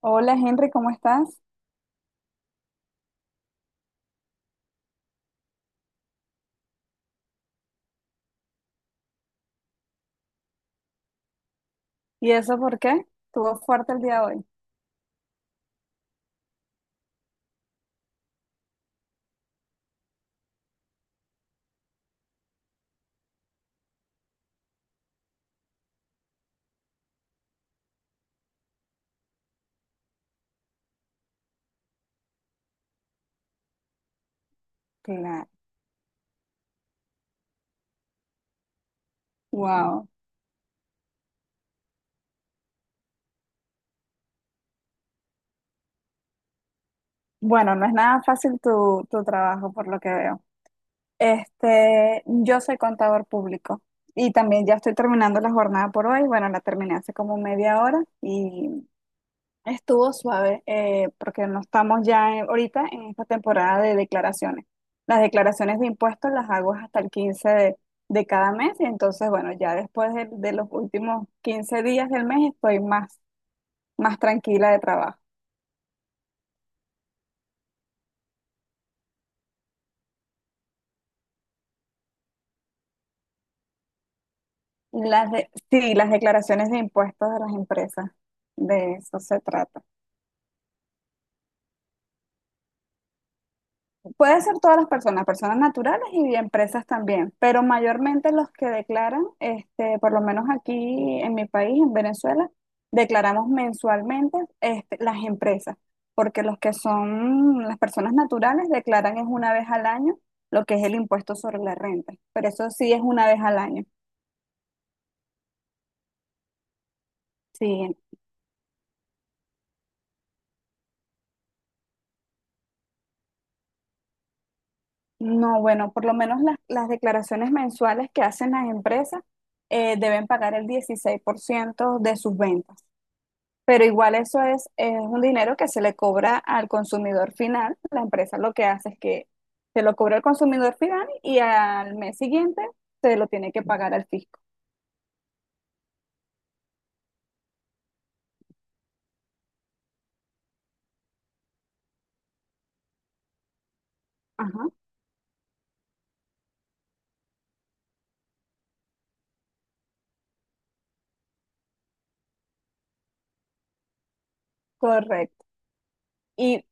Hola Henry, ¿cómo estás? ¿Y eso por qué? ¿Estuvo fuerte el día de hoy? Claro. Wow. Bueno, no es nada fácil tu trabajo, por lo que veo. Yo soy contador público y también ya estoy terminando la jornada por hoy. Bueno, la terminé hace como media hora. Y estuvo suave, porque no estamos ya ahorita en esta temporada de declaraciones. Las declaraciones de impuestos las hago hasta el 15 de cada mes. Y entonces, bueno, ya después de los últimos 15 días del mes estoy más tranquila de trabajo. Sí, las declaraciones de impuestos de las empresas, de eso se trata. Puede ser todas las personas, personas naturales y empresas también, pero mayormente los que declaran, por lo menos aquí en mi país, en Venezuela, declaramos mensualmente, las empresas, porque los que son las personas naturales declaran es una vez al año lo que es el impuesto sobre la renta, pero eso sí es una vez al año. Sí, no, bueno, por lo menos las declaraciones mensuales que hacen las empresas deben pagar el 16% de sus ventas. Pero igual eso es un dinero que se le cobra al consumidor final. La empresa lo que hace es que se lo cobra al consumidor final y al mes siguiente se lo tiene que pagar al fisco. Ajá, correcto. Y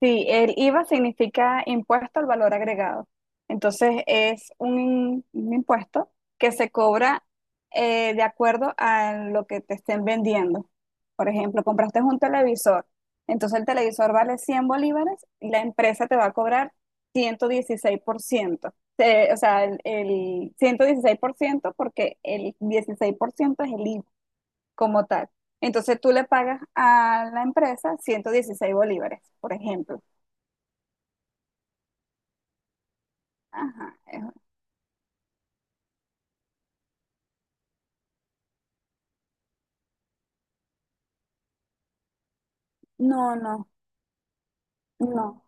sí, el IVA significa impuesto al valor agregado. Entonces, es un impuesto que se cobra, de acuerdo a lo que te estén vendiendo. Por ejemplo, compraste un televisor, entonces el televisor vale 100 bolívares y la empresa te va a cobrar 116%. O sea, el ciento dieciséis por ciento, porque el 16% es el IVA como tal. Entonces tú le pagas a la empresa 116 bolívares, por ejemplo. Ajá. No, no, no.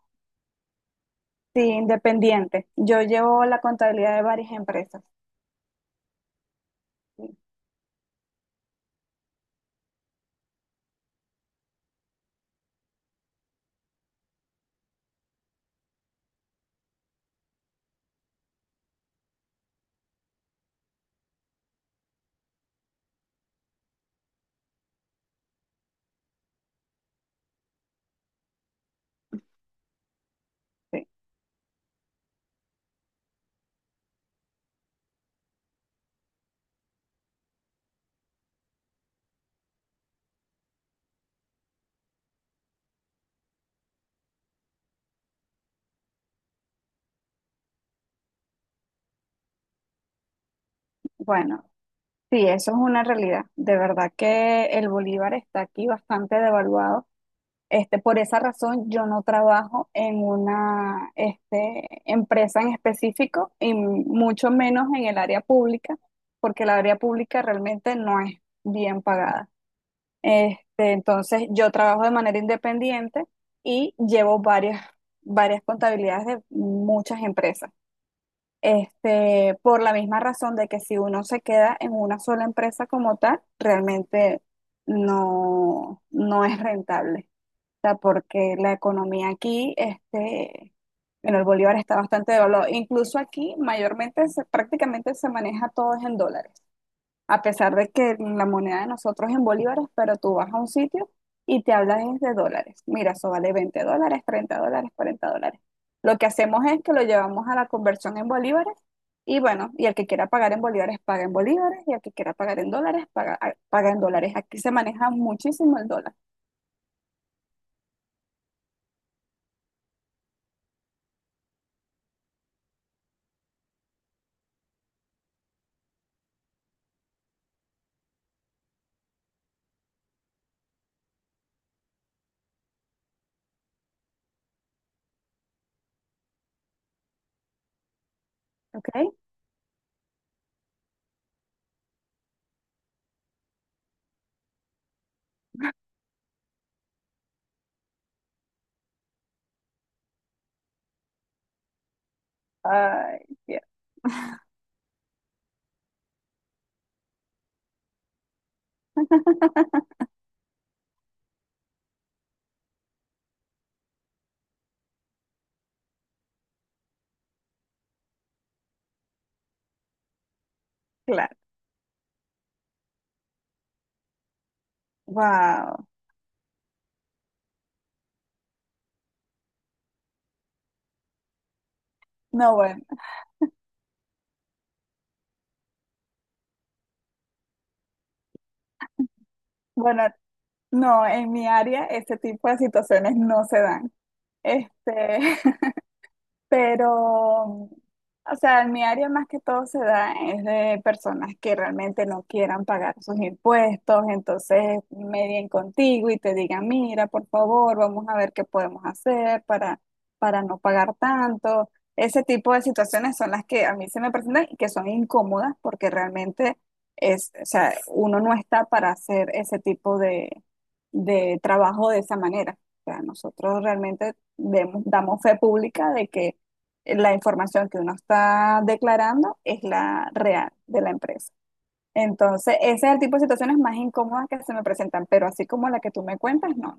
Sí, independiente. Yo llevo la contabilidad de varias empresas. Sí. Sí, bueno, sí, eso es una realidad. De verdad que el bolívar está aquí bastante devaluado. Por esa razón, yo no trabajo en una empresa en específico, y mucho menos en el área pública, porque el área pública realmente no es bien pagada. Entonces, yo trabajo de manera independiente y llevo varias contabilidades de muchas empresas. Por la misma razón de que si uno se queda en una sola empresa como tal, realmente no es rentable, sea, porque la economía aquí, bueno, el bolívar está bastante devaluado. Incluso aquí, mayormente, prácticamente se maneja todo es en dólares. A pesar de que la moneda de nosotros es en bolívares, pero tú vas a un sitio y te hablas es de dólares. Mira, eso vale 20 dólares, 30 dólares, 40 dólares. Lo que hacemos es que lo llevamos a la conversión en bolívares, y bueno, y el que quiera pagar en bolívares, paga en bolívares, y el que quiera pagar en dólares, paga en dólares. Aquí se maneja muchísimo el dólar, ¿ok? Ay, Dios. Claro. Wow. No, bueno. Bueno, no, en mi área ese tipo de situaciones no se dan. Este, Pero, o sea, en mi área más que todo se da es de personas que realmente no quieran pagar sus impuestos, entonces medien contigo y te digan, mira, por favor, vamos a ver qué podemos hacer para no pagar tanto. Ese tipo de situaciones son las que a mí se me presentan, y que son incómodas porque realmente o sea, uno no está para hacer ese tipo de trabajo de esa manera. O sea, nosotros realmente damos fe pública de que la información que uno está declarando es la real de la empresa. Entonces, ese es el tipo de situaciones más incómodas que se me presentan, pero así como la que tú me cuentas, no.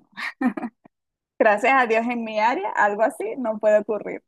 Gracias a Dios en mi área, algo así no puede ocurrir.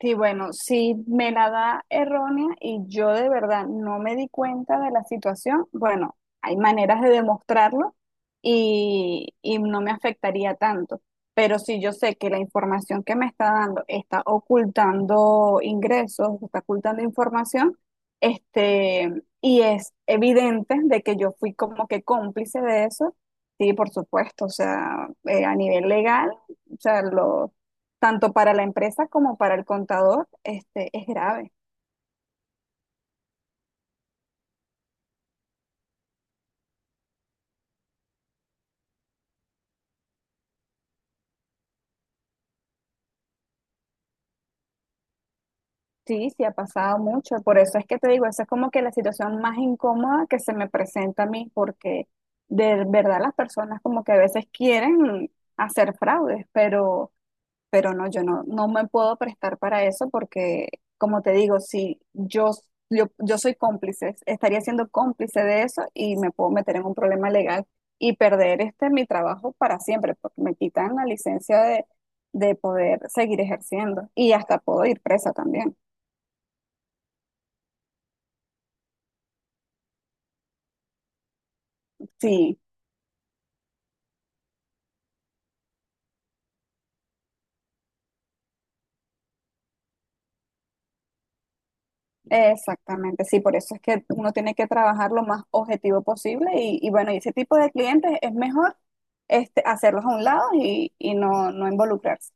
Sí, bueno, si me la da errónea y yo de verdad no me di cuenta de la situación, bueno, hay maneras de demostrarlo y no me afectaría tanto. Pero si yo sé que la información que me está dando está ocultando ingresos, está ocultando información, este, y es evidente de que yo fui como que cómplice de eso, sí, por supuesto, o sea, a nivel legal, o sea, lo, tanto para la empresa como para el contador, es grave. Sí, sí ha pasado mucho. Por eso es que te digo, esa es como que la situación más incómoda que se me presenta a mí, porque de verdad las personas como que a veces quieren hacer fraudes, pero no, yo no me puedo prestar para eso porque, como te digo, si yo, yo soy cómplice, estaría siendo cómplice de eso y me puedo meter en un problema legal y perder este mi trabajo para siempre, porque me quitan la licencia de poder seguir ejerciendo y hasta puedo ir presa también. Sí, exactamente, sí, por eso es que uno tiene que trabajar lo más objetivo posible y bueno, y ese tipo de clientes es mejor hacerlos a un lado y no involucrarse.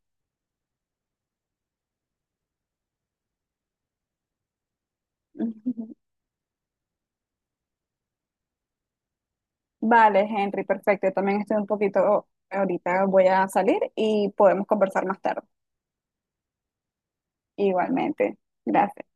Vale, Henry, perfecto. Yo también estoy un poquito, ahorita voy a salir y podemos conversar más tarde. Igualmente. Gracias.